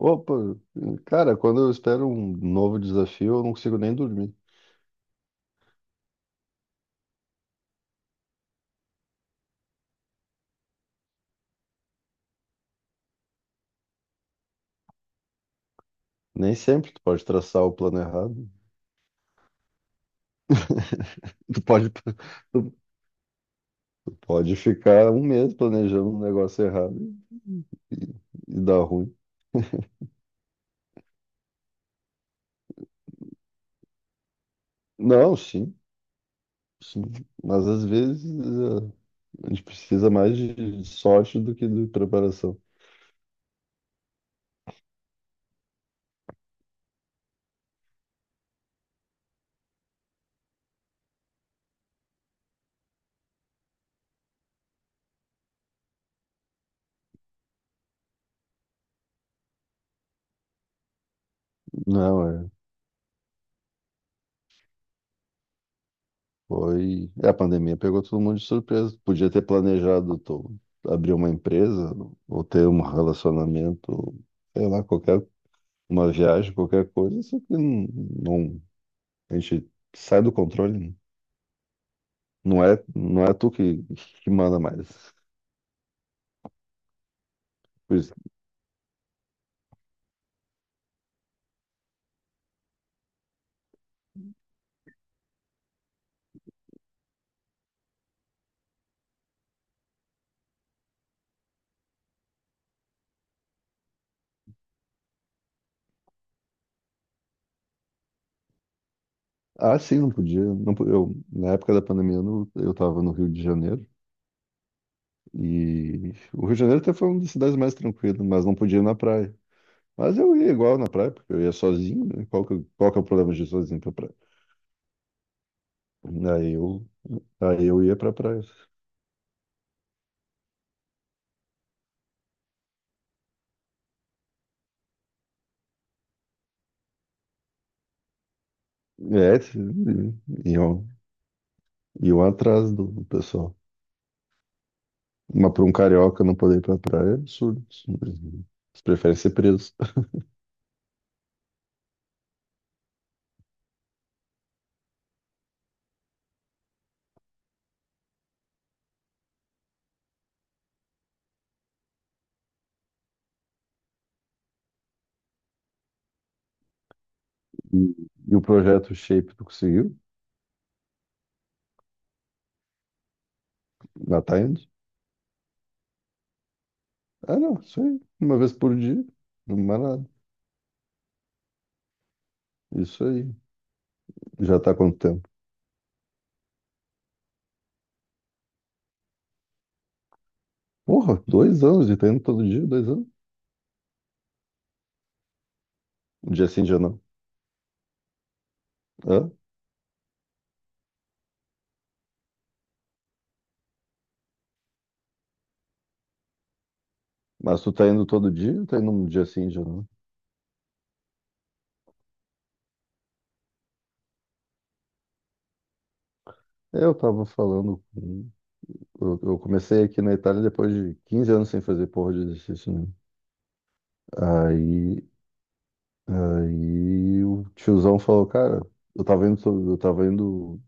Opa, cara, quando eu espero um novo desafio, eu não consigo nem dormir. Nem sempre tu pode traçar o plano errado. Tu pode, tu pode ficar um mês planejando um negócio errado e dar ruim. Não, sim, sim. Mas às vezes a gente precisa mais de sorte do que de preparação. Não, é. Foi. A pandemia pegou todo mundo de surpresa. Podia ter planejado tu abrir uma empresa ou ter um relacionamento, sei lá, qualquer uma viagem, qualquer coisa, isso aqui não, não- a gente sai do controle, né? Não é tu que manda mais. Por isso. Ah, sim, não podia. Não, eu, na época da pandemia, eu estava no Rio de Janeiro, e o Rio de Janeiro até foi uma das cidades mais tranquilas, mas não podia ir na praia. Mas eu ia igual na praia, porque eu ia sozinho, né? Qual que é o problema de ir sozinho pra praia? Aí eu, aí eu ia pra praia. É, e eu, e eu atrás do pessoal. Mas para um carioca não poder ir pra praia é absurdo. Isso. Eles preferem ser presos. E, e o projeto Shape tu conseguiu? Já tá indo? Ah, não, isso aí. Uma vez por dia. Não mais nada. Isso aí. Já tá há quanto tempo? Porra, 2 anos e tá indo todo dia, 2 anos. Um dia sim, um dia não. Hã? Mas tu tá indo todo dia ou tá indo um dia sim, um dia não? É, eu tava falando com. Eu comecei aqui na Itália depois de 15 anos sem fazer porra de exercício, né? Aí Aí o tiozão falou, cara, eu tava indo, eu tava indo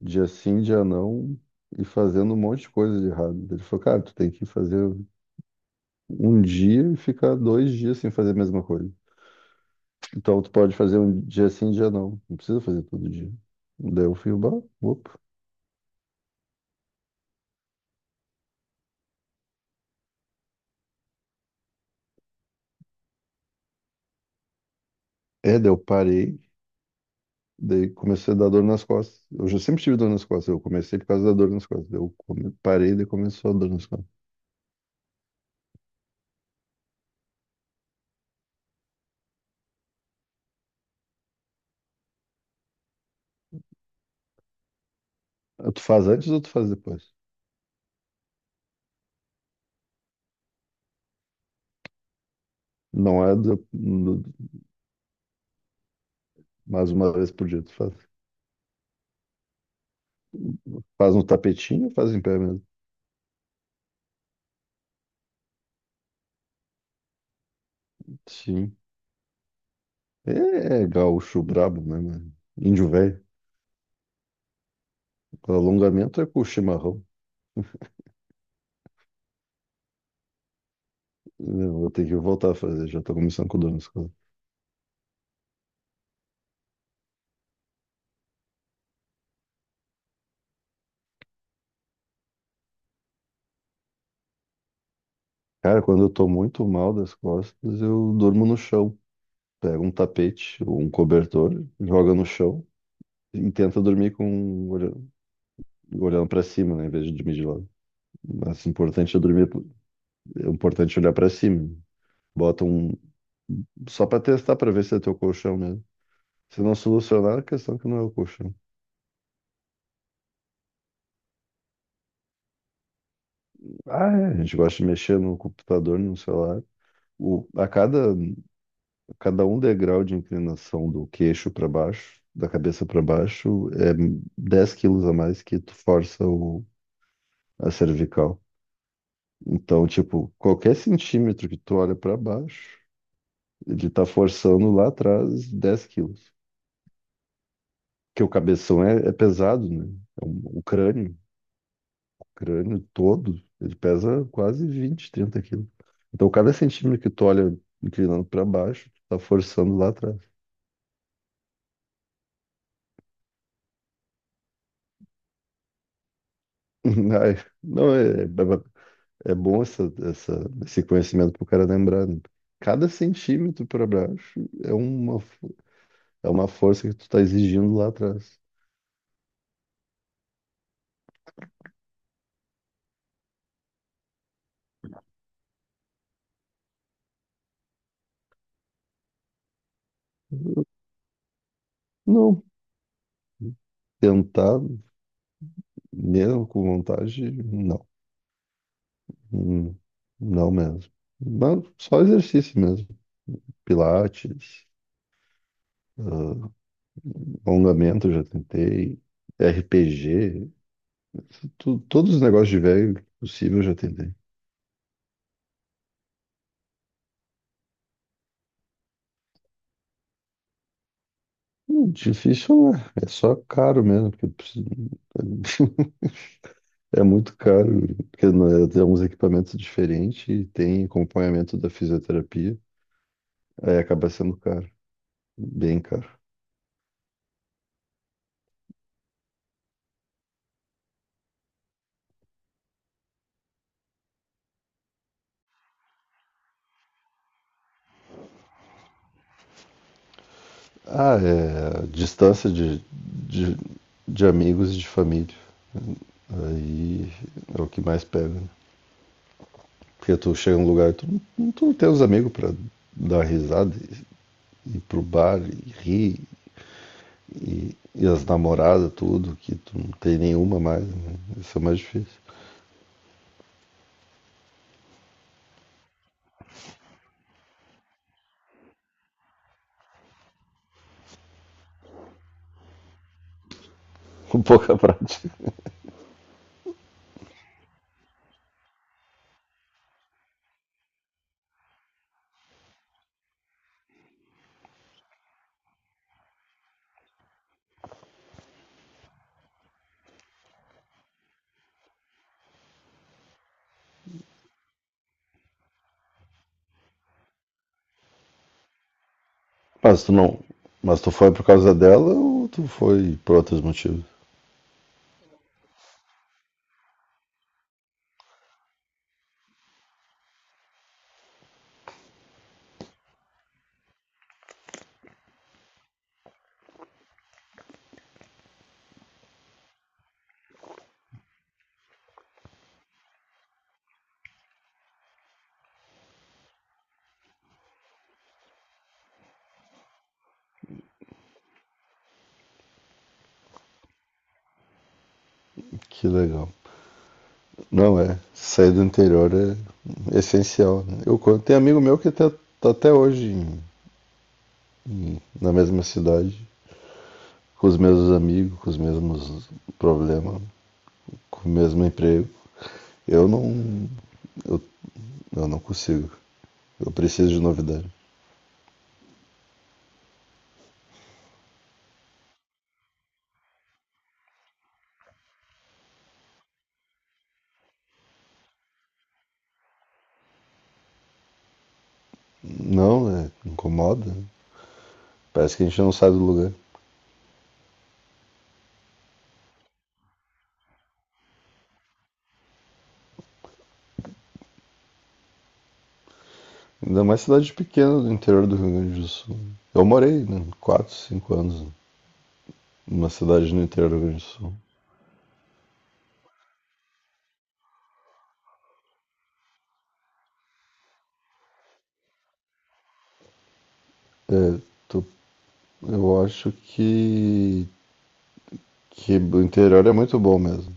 dia sim, dia não, e fazendo um monte de coisa de errado. Ele falou, cara, tu tem que fazer um dia e ficar 2 dias sem fazer a mesma coisa. Então tu pode fazer um dia sim, dia não. Não precisa fazer todo dia. Daí eu fui, bah, opa. É, daí eu parei, daí comecei a dar dor nas costas. Eu já sempre tive dor nas costas, eu comecei por causa da dor nas costas. Daí eu parei, daí começou a dor nas costas. Ah, tu faz antes ou tu faz depois? Não é depois. Mas uma vez por dia tu faz. Faz no tapetinho ou faz em pé mesmo? Sim. É gaúcho brabo, né, mano? Índio velho. O alongamento é com o chimarrão. Eu vou ter que voltar a fazer, já tô começando com dor nas costas. Cara, quando eu tô muito mal das costas, eu durmo no chão. Pega um tapete ou um cobertor, joga no chão e tenta dormir com olhando pra cima, né, em vez de dormir de lado. Mas o importante é dormir, é importante olhar pra cima. Bota um só pra testar pra ver se é teu colchão mesmo. Se não solucionar, a questão que não é o colchão. Ah, é, a gente gosta de mexer no computador, no celular. O, a cada, cada um degrau de inclinação do queixo para baixo, da cabeça para baixo, é 10 quilos a mais que tu força a cervical. Então, tipo, qualquer centímetro que tu olha para baixo, ele tá forçando lá atrás 10 quilos. Porque o cabeção é pesado, né? O crânio. Crânio todo, ele pesa quase 20, 30 quilos. Então, cada centímetro que tu olha inclinando para baixo, tu tá forçando lá atrás. Ai, não, é bom esse conhecimento pro cara lembrar, né? Cada centímetro para baixo é uma força que tu tá exigindo lá atrás. Não, tentar mesmo com vontade, não. Hum, Não mesmo. Mas só exercício mesmo. Pilates. ah, Alongamento, já tentei. RPG, todos os negócios de velho que possível eu já tentei. Difícil não é, só caro mesmo, porque é muito caro, porque não é- tem uns equipamentos diferentes e tem acompanhamento da fisioterapia, aí acaba sendo caro, bem caro. Ah, é distância de amigos e de família, aí é o que mais pega, né? Porque tu chega num lugar e tu não tem os amigos pra dar risada, ir pro bar e rir e as namoradas, tudo, que tu não tem nenhuma mais, né? Isso é mais difícil. Com pouca prática. Mas tu não. Mas tu foi por causa dela ou tu foi por outros motivos? Que legal. Não é. Sair do interior é essencial. Né? Tem amigo meu que até tá até hoje na mesma cidade, com os mesmos amigos, com os mesmos problemas, com o mesmo emprego. Eu não. Eu, eu não consigo. Eu preciso de novidade. Não, né? Incomoda. Parece que a gente não sai do lugar. Ainda mais cidade pequena do interior do Rio Grande do Sul. Eu morei, né? 4, 5 anos numa cidade no interior do Rio Grande do Sul. É, tu- eu acho que o interior é muito bom mesmo.